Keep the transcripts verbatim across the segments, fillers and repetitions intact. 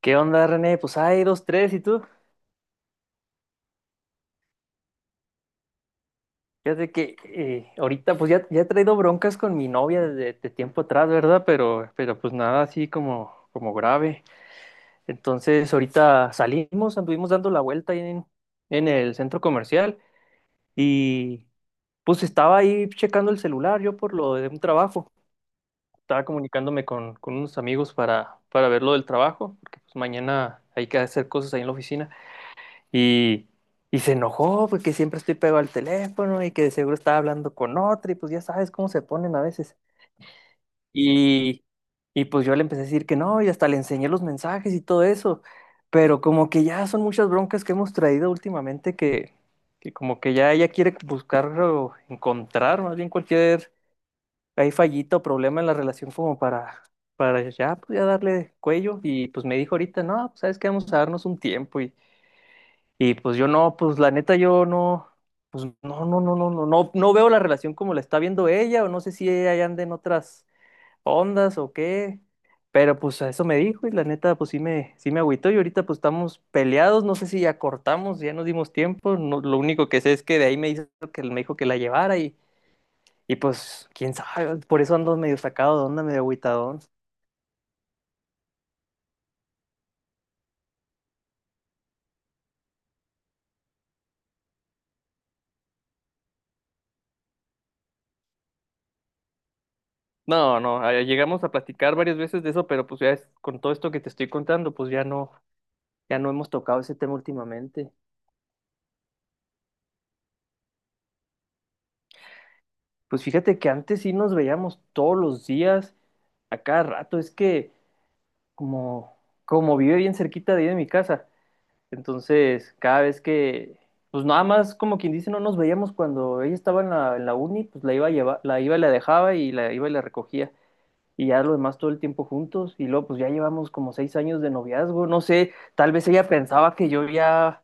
¿Qué onda, René? Pues hay dos, tres, ¿y tú? Fíjate que eh, ahorita pues ya, ya he traído broncas con mi novia desde de tiempo atrás, ¿verdad? Pero, pero pues nada así como, como grave. Entonces ahorita salimos, anduvimos dando la vuelta ahí en, en el centro comercial y pues estaba ahí checando el celular yo por lo de un trabajo. Estaba comunicándome con, con unos amigos para, para ver lo del trabajo, porque pues mañana hay que hacer cosas ahí en la oficina. Y, y se enojó porque siempre estoy pegado al teléfono y que de seguro estaba hablando con otra y pues ya sabes cómo se ponen a veces. Y, y pues yo le empecé a decir que no y hasta le enseñé los mensajes y todo eso. Pero como que ya son muchas broncas que hemos traído últimamente que, que como que ya ella quiere buscar o encontrar más bien cualquier hay fallito o problema en la relación como para, para ya, pues ya darle cuello. Y pues me dijo ahorita, no, pues sabes que vamos a darnos un tiempo y y pues yo no, pues la neta yo no, pues no, no, no, no, no, no, no veo la relación como la está viendo ella, o no sé si ella ya anda en otras ondas o qué, pero pues a eso me dijo y la neta pues sí me, sí me agüitó y ahorita pues estamos peleados, no sé si ya cortamos, ya nos dimos tiempo, no- lo único que sé es que de ahí me hizo que me dijo que la llevara y, y pues quién sabe, por eso ando medio sacado de onda, medio agüitadón. No, no, eh, llegamos a platicar varias veces de eso, pero pues ya es- con todo esto que te estoy contando, pues ya no. Ya no hemos tocado ese tema últimamente. Pues fíjate que antes sí nos veíamos todos los días, a cada rato. Es que como, como vive bien cerquita de ahí de mi casa, entonces cada vez que, pues nada más como quien dice, no nos veíamos cuando ella estaba en la, en la uni, pues la iba a llevar, la iba y la dejaba y la iba y la recogía. Y ya lo demás todo el tiempo juntos. Y luego pues ya llevamos como seis años de noviazgo. No sé, tal vez ella pensaba que yo ya.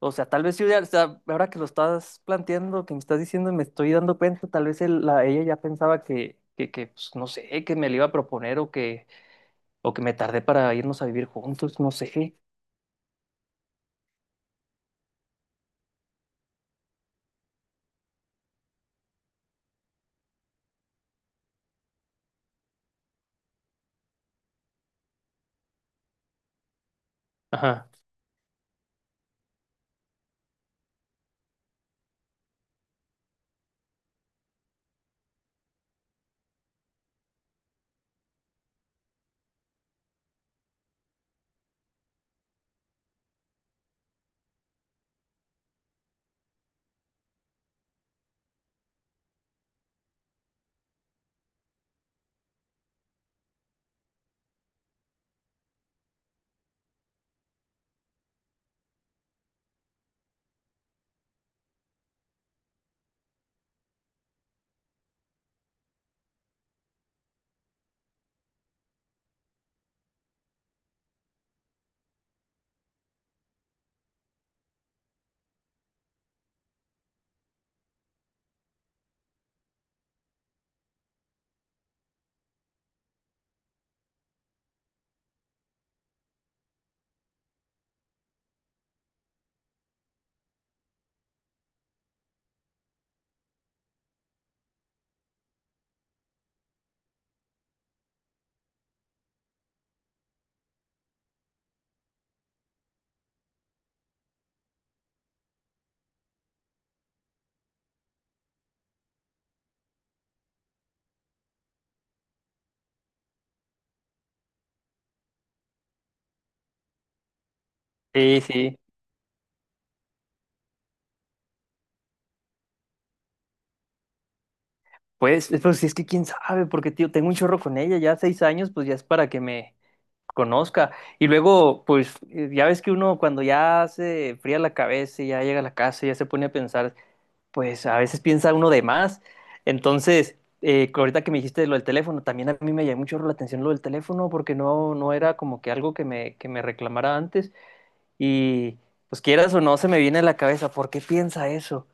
O sea, tal vez yo ya, o sea, ahora que lo estás planteando, que me estás diciendo, me estoy dando cuenta, tal vez él- la, ella ya pensaba que, que, que, pues, no sé, que me lo iba a proponer o que, o que me tardé para irnos a vivir juntos, no sé. Ajá. Sí, sí. Pues, eh, pues si es que quién sabe, porque tío, tengo un chorro con ella, ya seis años, pues ya es para que me conozca. Y luego, pues, eh, ya ves que uno cuando ya se fría la cabeza y ya llega a la casa ya se pone a pensar. Pues a veces piensa uno de más. Entonces, eh, ahorita que me dijiste lo del teléfono, también a mí me llamó mucho la atención lo del teléfono porque no, no era como que algo que me, que me reclamara antes y pues quieras o no se me viene a la cabeza, ¿por qué piensa eso?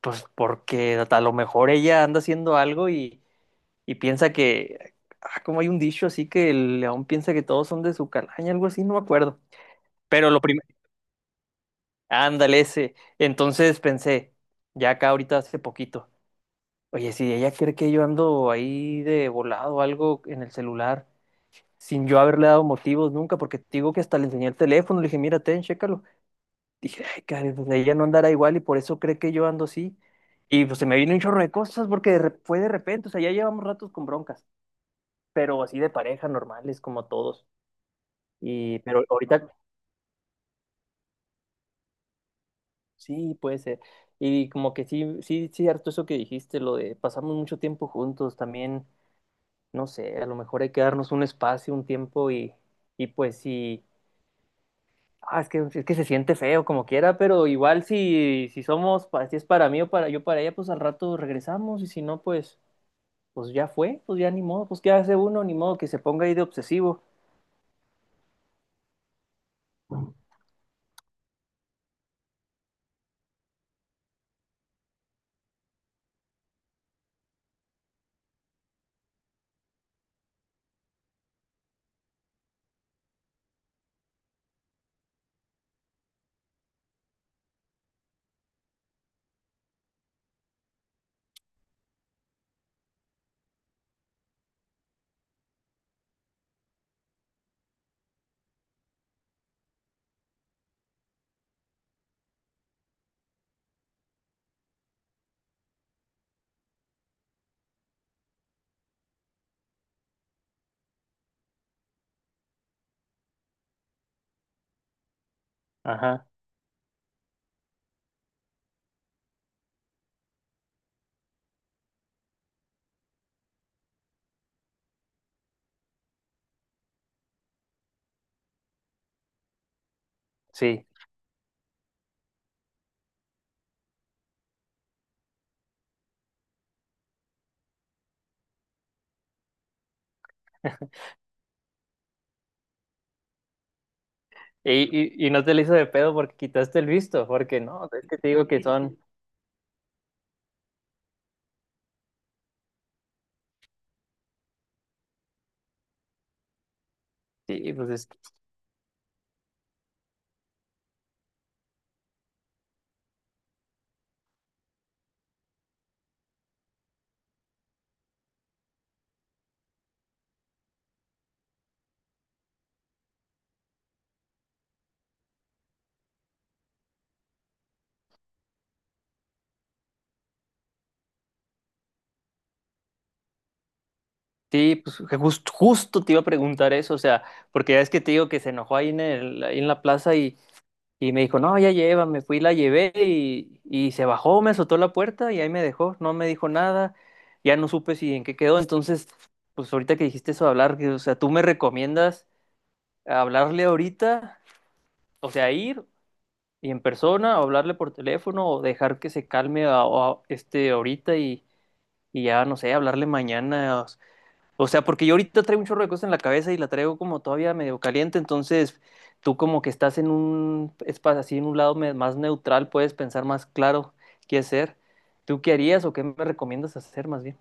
Pues porque a lo mejor ella anda haciendo algo y, y piensa que, ah, como hay un dicho así que el león piensa que todos son de su calaña, algo así, no me acuerdo. Pero lo primero, ándale ese. Entonces pensé, ya acá ahorita hace poquito. Oye, si ella cree que yo ando ahí de volado o algo en el celular, sin yo haberle dado motivos nunca, porque te digo que hasta le enseñé el teléfono, le dije, mira, ten, chécalo. Dije, ay, caray, pues ella no andará igual y por eso cree que yo ando así. Y pues se me vino un chorro de cosas porque de re- fue de repente, o sea, ya llevamos ratos con broncas, pero así de pareja, normales, como todos. Y, pero ahorita sí puede ser. Y como que sí, sí, cierto eso que dijiste, lo de pasamos mucho tiempo juntos también no sé, a lo mejor hay que darnos un espacio, un tiempo y, y pues si, ah, es que, es que se siente feo como quiera, pero igual si, si somos, pa- si es para mí o para yo para ella, pues al rato regresamos y si no, pues, pues ya fue, pues ya ni modo, pues qué hace uno, ni modo que se ponga ahí de obsesivo. Ajá, sí. Y, y, y no te le hizo de pedo porque quitaste el visto, porque no, es que te digo que son, sí, pues es que- sí, pues que jus- justo te iba a preguntar eso, o sea, porque ya es que te digo que se enojó ahí en el, ahí en la plaza. Y me dijo, no, ya lleva, me fui, la llevé y, y se bajó, me azotó la puerta y ahí me dejó, no me dijo nada, ya no supe si en qué quedó. Entonces, pues ahorita que dijiste eso de hablar, que, o sea, ¿tú me recomiendas hablarle ahorita? O sea, ir y en persona, o hablarle por teléfono, o dejar que se calme a- a- este ahorita y, y ya, no sé, hablarle mañana. O sea, porque yo ahorita traigo un chorro de cosas en la cabeza y la traigo como todavía medio caliente, entonces tú como que estás en un espacio así, en un lado me- más neutral, puedes pensar más claro qué hacer. ¿Tú qué harías o qué me recomiendas hacer más bien?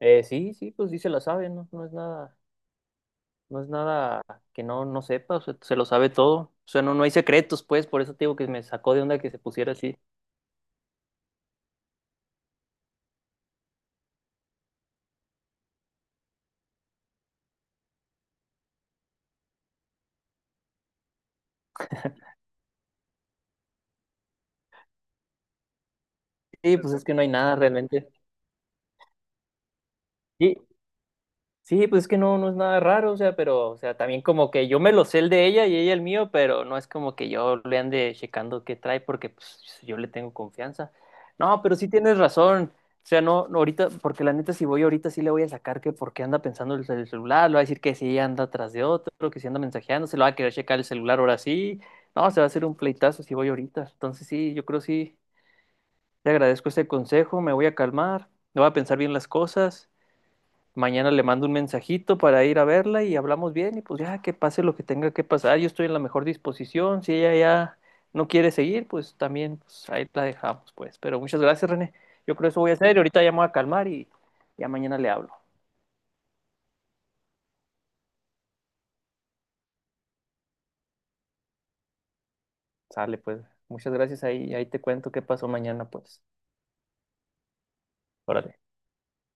Eh, sí, sí, pues sí se la sabe, no, no es nada, no es nada que no, no sepa, o sea, se lo sabe todo. O sea, no, no hay secretos, pues, por eso te digo que me sacó de onda que se pusiera así. Sí, pues es que no hay nada realmente. Y sí, pues es que no, no es nada raro, o sea, pero, o sea, también como que yo me lo sé el de ella y ella el mío, pero no es como que yo le ande checando qué trae porque pues yo le tengo confianza. No, pero sí tienes razón. O sea, no, no ahorita, porque la neta, si voy ahorita sí le voy a sacar que porque anda pensando el cel- celular, le va a decir que sí anda atrás de otro, que sí anda mensajeando, se lo va a querer checar el celular ahora sí. No, se va a hacer un pleitazo si voy ahorita. Entonces sí, yo creo sí, te agradezco ese consejo, me voy a calmar, me voy a pensar bien las cosas. Mañana le mando un mensajito para ir a verla y hablamos bien y pues ya que pase lo que tenga que pasar, yo estoy en la mejor disposición, si ella ya no quiere seguir, pues también pues, ahí la dejamos, pues. Pero muchas gracias, René. Yo creo que eso voy a hacer y ahorita ya me voy a calmar y ya mañana le hablo. Sale, pues. Muchas gracias ahí, ahí te cuento qué pasó mañana, pues. Órale.